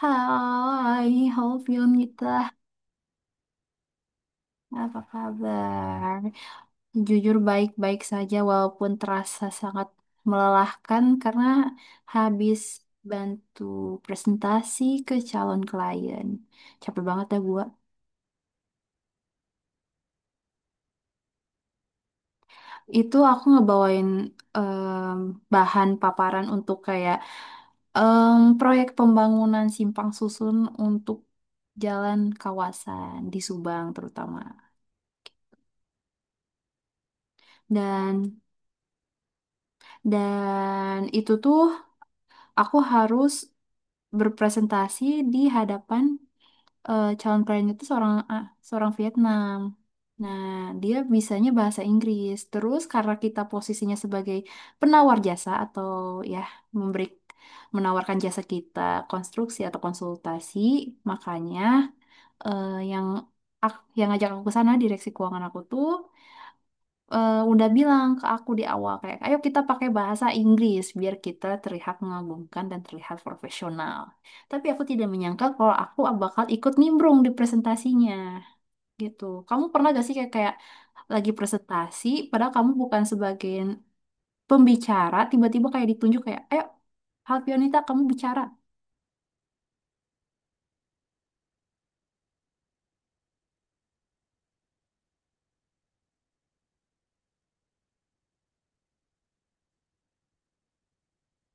Hai, halo Filmita. Apa kabar? Jujur baik-baik saja walaupun terasa sangat melelahkan karena habis bantu presentasi ke calon klien. Capek banget ya gua. Itu aku ngebawain em, bahan paparan untuk kayak proyek pembangunan simpang susun untuk jalan kawasan di Subang terutama. Dan dan itu tuh aku harus berpresentasi di hadapan calon kliennya itu seorang seorang Vietnam. Nah, dia bisanya bahasa Inggris. Terus karena kita posisinya sebagai penawar jasa atau ya memberi menawarkan jasa kita konstruksi atau konsultasi, makanya yang yang ngajak aku ke sana direksi keuangan aku tuh udah bilang ke aku di awal kayak, ayo kita pakai bahasa Inggris biar kita terlihat mengagumkan dan terlihat profesional. Tapi aku tidak menyangka kalau aku bakal ikut nimbrung di presentasinya gitu. Kamu pernah gak sih kayak kayak lagi presentasi, padahal kamu bukan sebagai pembicara, tiba-tiba kayak ditunjuk kayak, ayo Halpionita kamu bicara.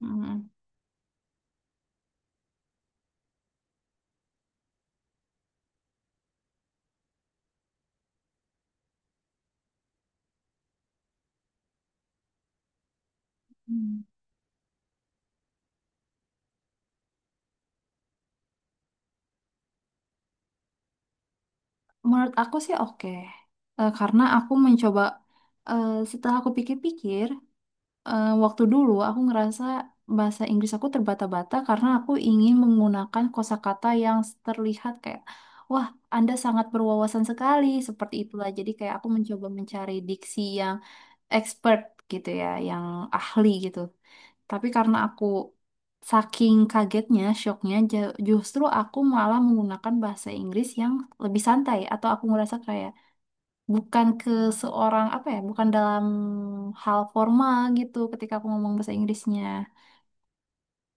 Hmm. Hmm. Menurut aku sih oke. Karena aku mencoba, eh, setelah aku pikir-pikir. Waktu dulu aku ngerasa bahasa Inggris aku terbata-bata karena aku ingin menggunakan kosakata yang terlihat kayak, wah, Anda sangat berwawasan sekali, seperti itulah. Jadi kayak aku mencoba mencari diksi yang expert gitu ya, yang ahli gitu. Tapi karena aku saking kagetnya, shocknya, justru aku malah menggunakan bahasa Inggris yang lebih santai atau aku ngerasa kayak bukan ke seorang apa ya, bukan dalam hal formal gitu ketika aku ngomong bahasa Inggrisnya.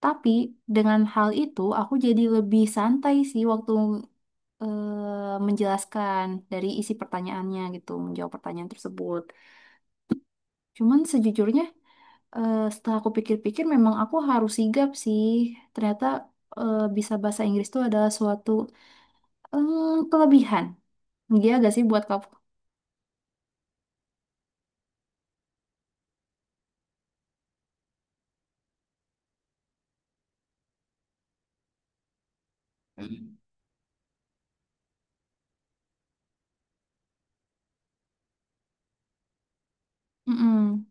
Tapi dengan hal itu aku jadi lebih santai sih waktu menjelaskan dari isi pertanyaannya gitu, menjawab pertanyaan tersebut. Cuman sejujurnya setelah aku pikir-pikir memang aku harus sigap sih. Ternyata bisa bahasa Inggris itu adalah suatu kelebihan. Iya gak sih buat kamu? Hmm. Mm-mm.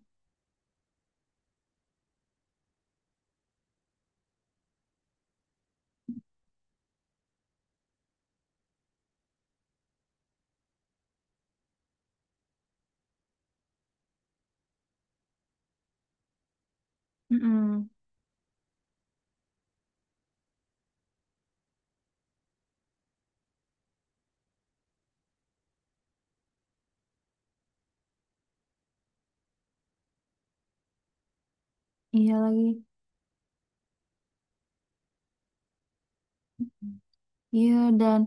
Mm-mm. Iya lagi. Iya, dan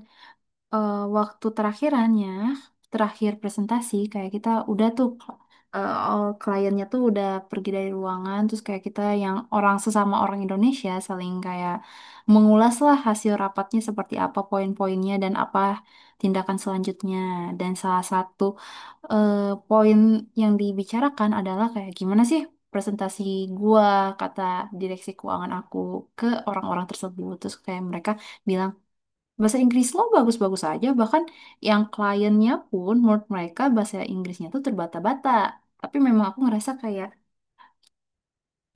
waktu terakhir presentasi, kayak kita udah tuh, all kliennya tuh udah pergi dari ruangan, terus kayak kita yang orang sesama orang Indonesia saling kayak mengulas lah hasil rapatnya seperti apa poin-poinnya dan apa tindakan selanjutnya. Dan salah satu eh, poin yang dibicarakan adalah kayak gimana sih presentasi gua, kata direksi keuangan aku ke orang-orang tersebut. Terus kayak mereka bilang bahasa Inggris lo bagus-bagus aja, bahkan yang kliennya pun menurut mereka bahasa Inggrisnya tuh terbata-bata. Tapi memang aku ngerasa kayak,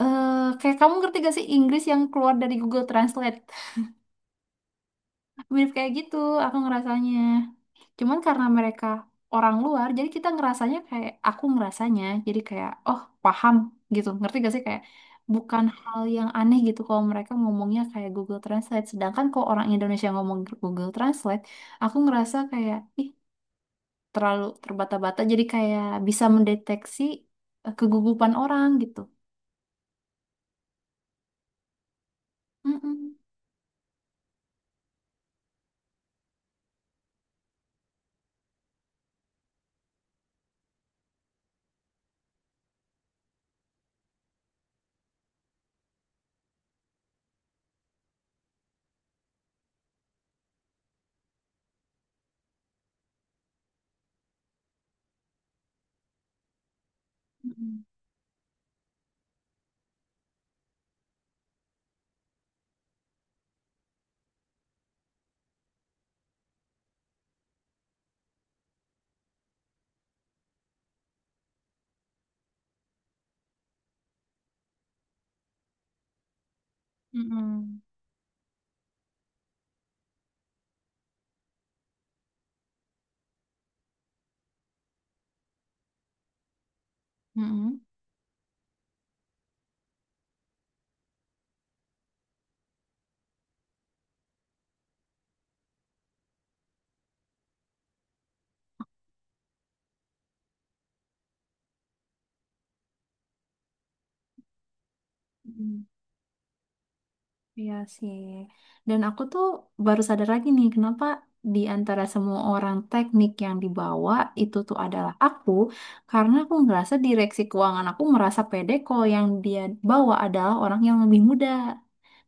kayak kamu ngerti gak sih Inggris yang keluar dari Google Translate? Mirip kayak gitu, aku ngerasanya. Cuman karena mereka orang luar, jadi kita ngerasanya kayak, aku ngerasanya, jadi kayak, oh paham gitu, ngerti gak sih kayak, bukan hal yang aneh gitu kalau mereka ngomongnya kayak Google Translate. Sedangkan kalau orang Indonesia ngomong Google Translate, aku ngerasa kayak, ih terlalu terbata-bata jadi kayak bisa mendeteksi kegugupan orang gitu. Mm-mm. Mm-mm. Mm-mm. Mm-mm. Mm-mm. Iya sih. Dan aku tuh baru sadar lagi nih kenapa di antara semua orang teknik yang dibawa itu tuh adalah aku karena aku ngerasa direksi keuangan aku merasa pede kalau yang dia bawa adalah orang yang lebih muda.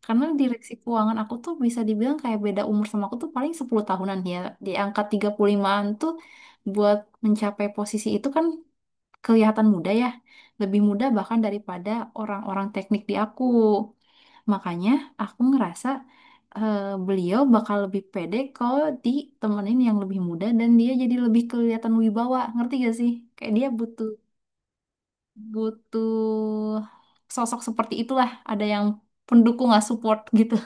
Karena direksi keuangan aku tuh bisa dibilang kayak beda umur sama aku tuh paling 10 tahunan ya. Di angka 35-an tuh buat mencapai posisi itu kan kelihatan muda ya. Lebih muda bahkan daripada orang-orang teknik di aku. Makanya aku ngerasa eh, beliau bakal lebih pede kalau ditemenin yang lebih muda dan dia jadi lebih kelihatan wibawa. Ngerti gak sih? Kayak dia butuh butuh sosok seperti itulah. Ada yang pendukung lah support gitu.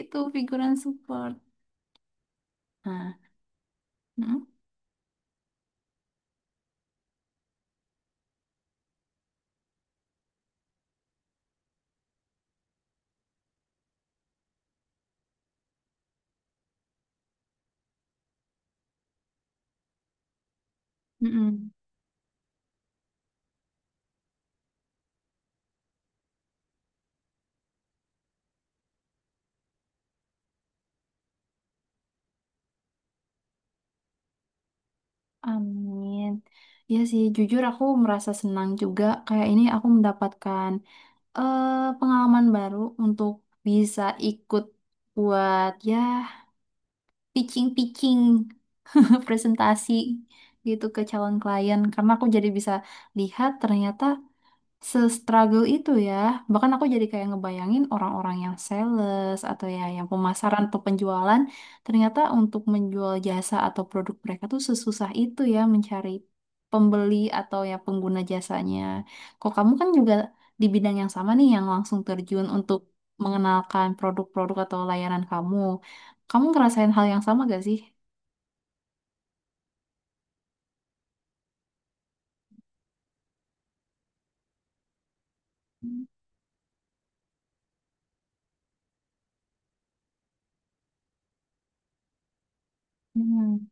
Itu figuran support. Nah, mm-mm, mm-mm. Amin. Ya sih, jujur aku merasa senang juga. Kayak ini aku mendapatkan eh, pengalaman baru untuk bisa ikut buat ya pitching-pitching presentasi gitu ke calon klien. Karena aku jadi bisa lihat ternyata se-struggle itu ya. Bahkan aku jadi kayak ngebayangin orang-orang yang sales atau ya yang pemasaran atau penjualan, ternyata untuk menjual jasa atau produk mereka tuh sesusah itu ya mencari pembeli atau ya pengguna jasanya. Kok kamu kan juga di bidang yang sama nih yang langsung terjun untuk mengenalkan produk-produk atau layanan kamu. Kamu ngerasain hal yang sama gak sih? Hmm. Mm-mm.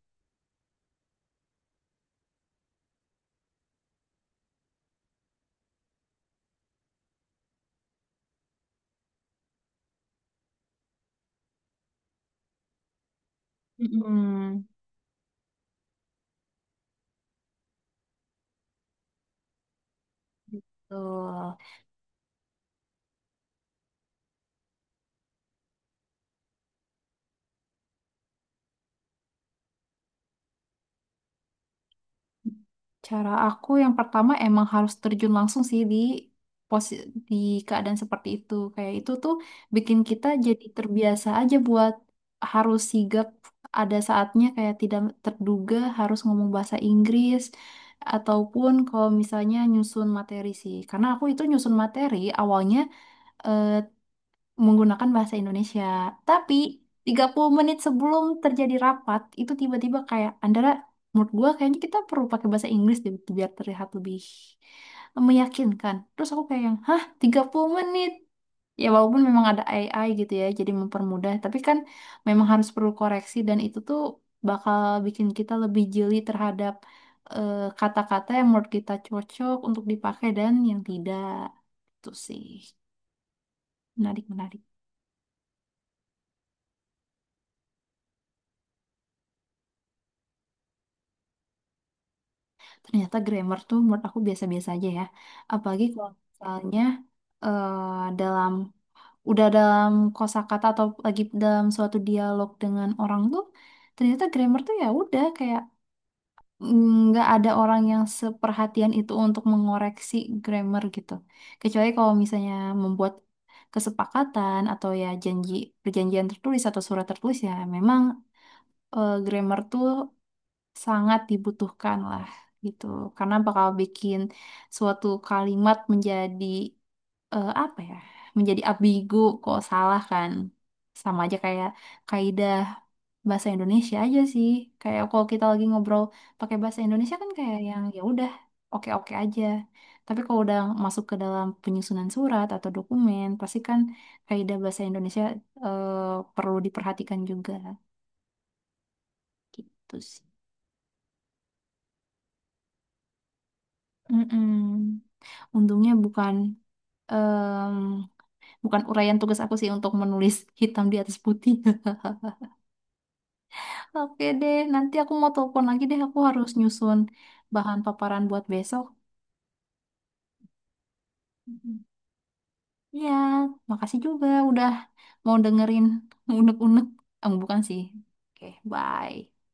Hmm, betul. Cara aku yang pertama emang harus terjun langsung sih di posi- di keadaan seperti itu. Kayak itu tuh bikin kita jadi terbiasa aja buat harus sigap ada saatnya kayak tidak terduga harus ngomong bahasa Inggris ataupun kalau misalnya nyusun materi sih. Karena aku itu nyusun materi awalnya eh, menggunakan bahasa Indonesia. Tapi 30 menit sebelum terjadi rapat, itu tiba-tiba kayak Andara, menurut gua kayaknya kita perlu pakai bahasa Inggris deh gitu biar terlihat lebih meyakinkan. Terus aku kayak yang, hah 30 menit? Ya walaupun memang ada AI gitu ya, jadi mempermudah. Tapi kan memang harus perlu koreksi dan itu tuh bakal bikin kita lebih jeli terhadap kata-kata yang menurut kita cocok untuk dipakai dan yang tidak. Itu sih. Menarik, menarik. Ternyata grammar tuh menurut aku biasa-biasa aja ya. Apalagi kalau misalnya eh, dalam udah dalam kosakata atau lagi dalam suatu dialog dengan orang tuh ternyata grammar tuh ya udah kayak nggak ada orang yang seperhatian itu untuk mengoreksi grammar gitu. Kecuali kalau misalnya membuat kesepakatan atau ya janji perjanjian tertulis atau surat tertulis ya memang grammar tuh sangat dibutuhkan lah gitu, karena bakal bikin suatu kalimat menjadi apa ya, menjadi ambigu kok salah kan. Sama aja kayak kaidah bahasa Indonesia aja sih, kayak kalau kita lagi ngobrol pakai bahasa Indonesia kan kayak yang ya udah oke oke aja, tapi kalau udah masuk ke dalam penyusunan surat atau dokumen pasti kan kaidah bahasa Indonesia eh, perlu diperhatikan juga gitu sih. Mm-mm. Untungnya bukan em, bukan uraian tugas aku sih untuk menulis hitam di atas putih. Oke deh, nanti aku mau telepon lagi deh. Aku harus nyusun bahan paparan buat besok. Mhm. Ya, makasih juga udah mau dengerin unek-unek. Bukan sih. Oke, bye.